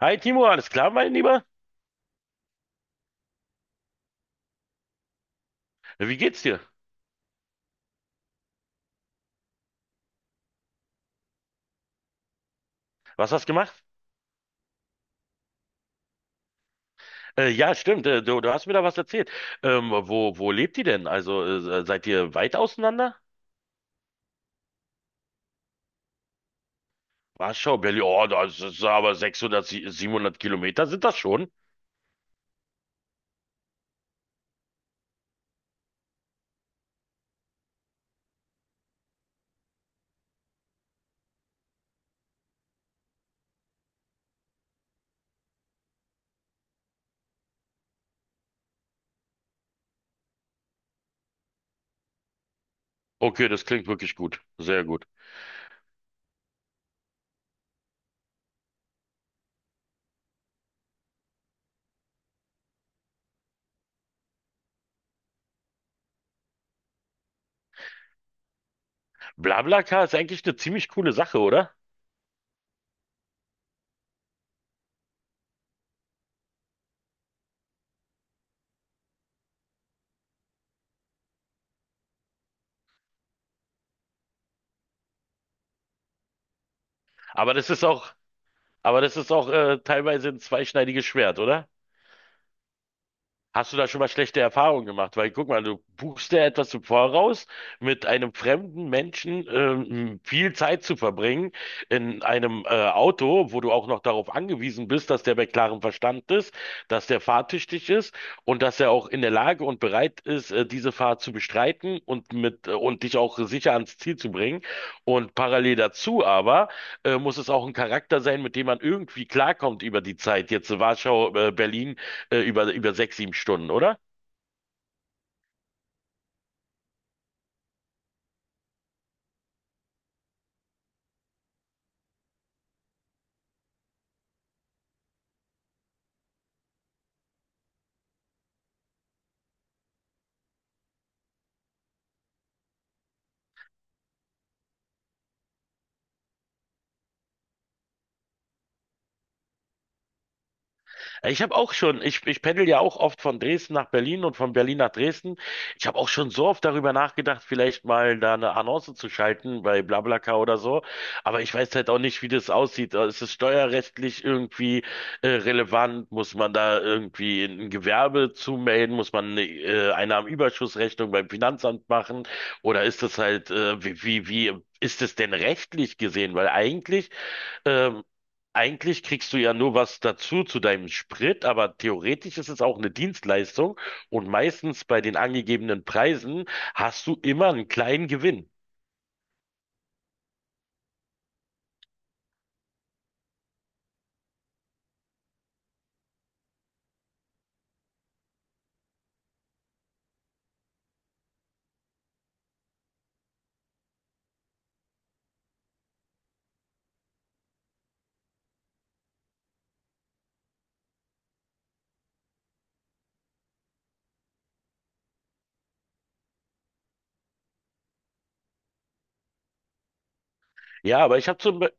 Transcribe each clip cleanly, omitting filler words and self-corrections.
Hi Timo, alles klar, mein Lieber? Wie geht's dir? Was hast du gemacht? Ja, stimmt, du hast mir da was erzählt. Wo lebt ihr denn? Also, seid ihr weit auseinander? Warschau, Berlin, oh, das ist aber 600, 700 Kilometer sind das schon? Okay, das klingt wirklich gut. Sehr gut. BlaBlaCar ist eigentlich eine ziemlich coole Sache, oder? Aber das ist auch, aber das ist auch teilweise ein zweischneidiges Schwert, oder? Hast du da schon mal schlechte Erfahrungen gemacht? Weil guck mal, du buchst dir etwas im Voraus, mit einem fremden Menschen viel Zeit zu verbringen in einem Auto, wo du auch noch darauf angewiesen bist, dass der bei klarem Verstand ist, dass der fahrtüchtig ist und dass er auch in der Lage und bereit ist, diese Fahrt zu bestreiten und dich auch sicher ans Ziel zu bringen. Und parallel dazu aber muss es auch ein Charakter sein, mit dem man irgendwie klarkommt über die Zeit. Jetzt Warschau, Berlin, über 6, 7 Stunden, oder? Ich habe auch schon, ich pendel ja auch oft von Dresden nach Berlin und von Berlin nach Dresden. Ich habe auch schon so oft darüber nachgedacht, vielleicht mal da eine Annonce zu schalten bei BlaBlaCar oder so. Aber ich weiß halt auch nicht, wie das aussieht. Ist es steuerrechtlich irgendwie relevant? Muss man da irgendwie ein Gewerbe zumelden? Muss man eine Einnahmenüberschussrechnung beim Finanzamt machen? Oder ist das halt, wie ist es denn rechtlich gesehen? Weil ähm, Eigentlich kriegst du ja nur was dazu zu deinem Sprit, aber theoretisch ist es auch eine Dienstleistung und meistens bei den angegebenen Preisen hast du immer einen kleinen Gewinn. Ja, aber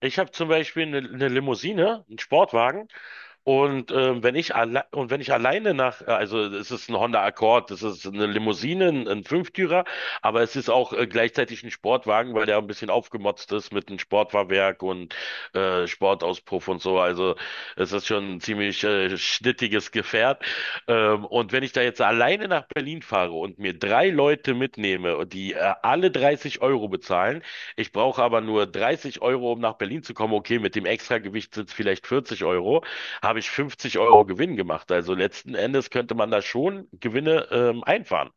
ich hab zum Beispiel eine Limousine, einen Sportwagen. Und wenn ich alleine also es ist ein Honda Accord, es ist eine Limousine, ein Fünftürer, aber es ist auch gleichzeitig ein Sportwagen, weil der ein bisschen aufgemotzt ist mit einem Sportfahrwerk und Sportauspuff und so. Also es ist schon ein ziemlich schnittiges Gefährt. Und wenn ich da jetzt alleine nach Berlin fahre und mir drei Leute mitnehme, und die alle 30 € bezahlen. Ich brauche aber nur 30 Euro, um nach Berlin zu kommen. Okay, mit dem Extragewicht sind es vielleicht 40 €, habe ich 50 € Gewinn gemacht. Also letzten Endes könnte man da schon Gewinne einfahren.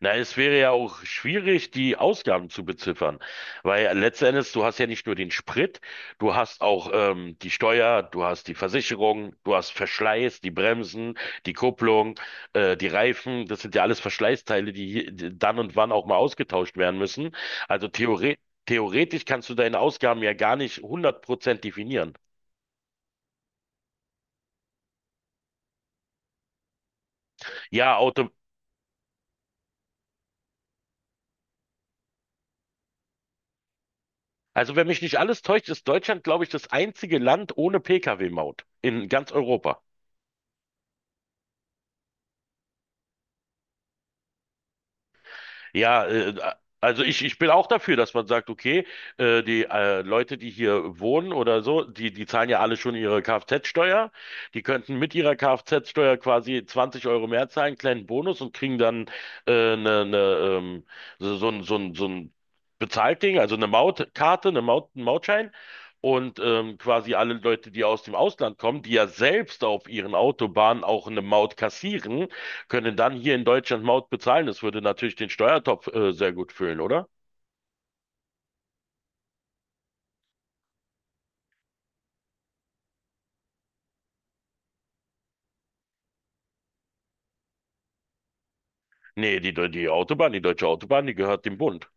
Na, es wäre ja auch schwierig, die Ausgaben zu beziffern, weil letzten Endes, du hast ja nicht nur den Sprit, du hast auch die Steuer, du hast die Versicherung, du hast Verschleiß, die Bremsen, die Kupplung, die Reifen. Das sind ja alles Verschleißteile, die dann und wann auch mal ausgetauscht werden müssen. Also theoretisch. Theoretisch kannst du deine Ausgaben ja gar nicht 100% definieren. Ja, Auto. Also, wenn mich nicht alles täuscht, ist Deutschland, glaube ich, das einzige Land ohne Pkw-Maut in ganz Europa. Ja, also ich bin auch dafür, dass man sagt, okay, die Leute, die hier wohnen oder so, die zahlen ja alle schon ihre Kfz-Steuer. Die könnten mit ihrer Kfz-Steuer quasi 20 € mehr zahlen, kleinen Bonus und kriegen dann ne, ne, so ein Bezahlt Ding, also eine Mautkarte, einen Mautschein. Und quasi alle Leute, die aus dem Ausland kommen, die ja selbst auf ihren Autobahnen auch eine Maut kassieren, können dann hier in Deutschland Maut bezahlen. Das würde natürlich den Steuertopf sehr gut füllen, oder? Nee, die Autobahn, die deutsche Autobahn, die gehört dem Bund.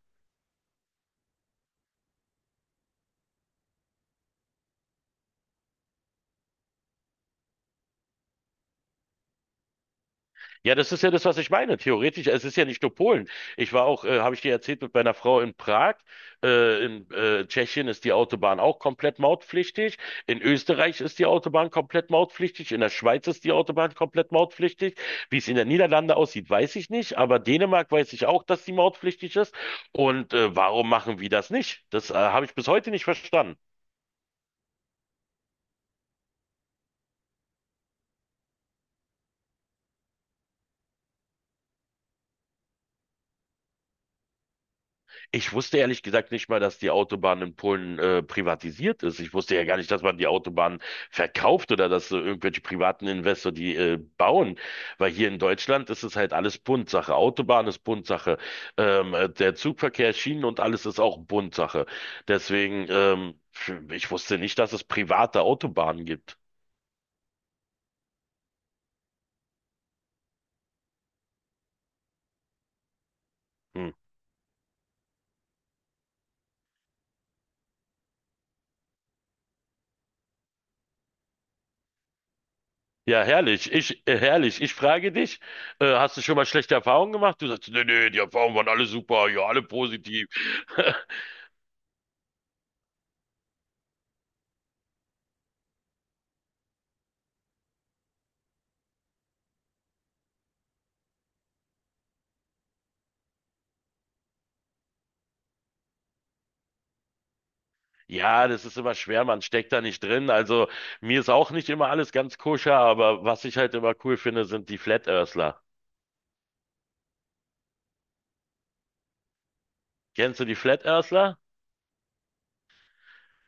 Ja, das ist ja das, was ich meine. Theoretisch, es ist ja nicht nur Polen. Ich war auch, habe ich dir erzählt, mit meiner Frau in Prag. In Tschechien ist die Autobahn auch komplett mautpflichtig. In Österreich ist die Autobahn komplett mautpflichtig. In der Schweiz ist die Autobahn komplett mautpflichtig. Wie es in den Niederlanden aussieht, weiß ich nicht. Aber Dänemark weiß ich auch, dass die mautpflichtig ist. Und warum machen wir das nicht? Das habe ich bis heute nicht verstanden. Ich wusste ehrlich gesagt nicht mal, dass die Autobahn in Polen privatisiert ist. Ich wusste ja gar nicht, dass man die Autobahn verkauft oder dass irgendwelche privaten Investoren die bauen. Weil hier in Deutschland ist es halt alles Bundsache. Autobahn ist Bundsache. Der Zugverkehr, Schienen und alles ist auch Bundsache. Deswegen, ich wusste nicht, dass es private Autobahnen gibt. Hm. Ja, herrlich. Herrlich. Ich frage dich, hast du schon mal schlechte Erfahrungen gemacht? Du sagst, nee, nee, die Erfahrungen waren alle super, ja, alle positiv. Ja, das ist immer schwer, man steckt da nicht drin. Also mir ist auch nicht immer alles ganz koscher, aber was ich halt immer cool finde, sind die Flat Earthler. Kennst du die Flat Earthler?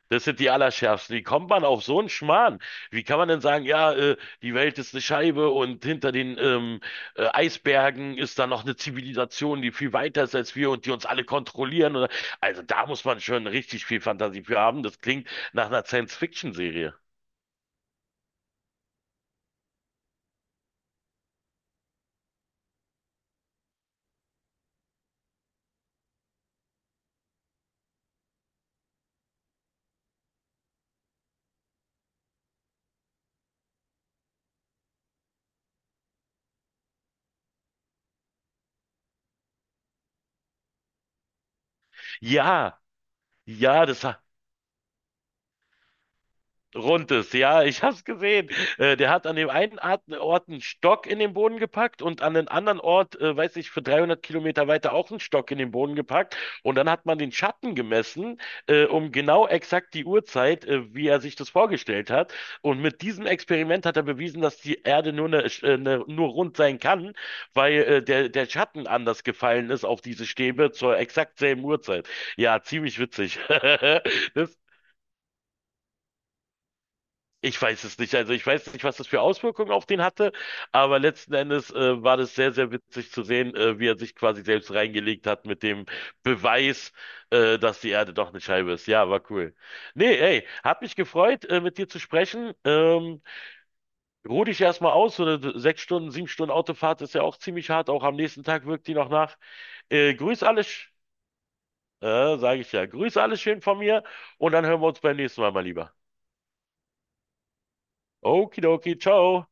Das sind die Allerschärfsten. Wie kommt man auf so einen Schmarrn? Wie kann man denn sagen, ja, die Welt ist eine Scheibe und hinter den Eisbergen ist da noch eine Zivilisation, die viel weiter ist als wir und die uns alle kontrollieren? Oder, also da muss man schon richtig viel Fantasie für haben. Das klingt nach einer Science-Fiction-Serie. Ja, ja, Rundes, ja, ich hab's gesehen. Der hat an dem einen Ort einen Stock in den Boden gepackt und an den anderen Ort, weiß ich, für 300 Kilometer weiter auch einen Stock in den Boden gepackt. Und dann hat man den Schatten gemessen, um genau exakt die Uhrzeit, wie er sich das vorgestellt hat. Und mit diesem Experiment hat er bewiesen, dass die Erde nur rund sein kann, weil der Schatten anders gefallen ist auf diese Stäbe zur exakt selben Uhrzeit. Ja, ziemlich witzig. Das, Ich weiß es nicht. Also ich weiß nicht, was das für Auswirkungen auf den hatte, aber letzten Endes war das sehr, sehr witzig zu sehen, wie er sich quasi selbst reingelegt hat mit dem Beweis, dass die Erde doch eine Scheibe ist. Ja, war cool. Nee, ey, hat mich gefreut, mit dir zu sprechen. Ruh dich erstmal aus. So eine 6 Stunden, 7 Stunden Autofahrt ist ja auch ziemlich hart. Auch am nächsten Tag wirkt die noch nach. Grüß alle, sage ich ja. Grüß alle schön von mir und dann hören wir uns beim nächsten Mal mal lieber. Okidoki, ciao.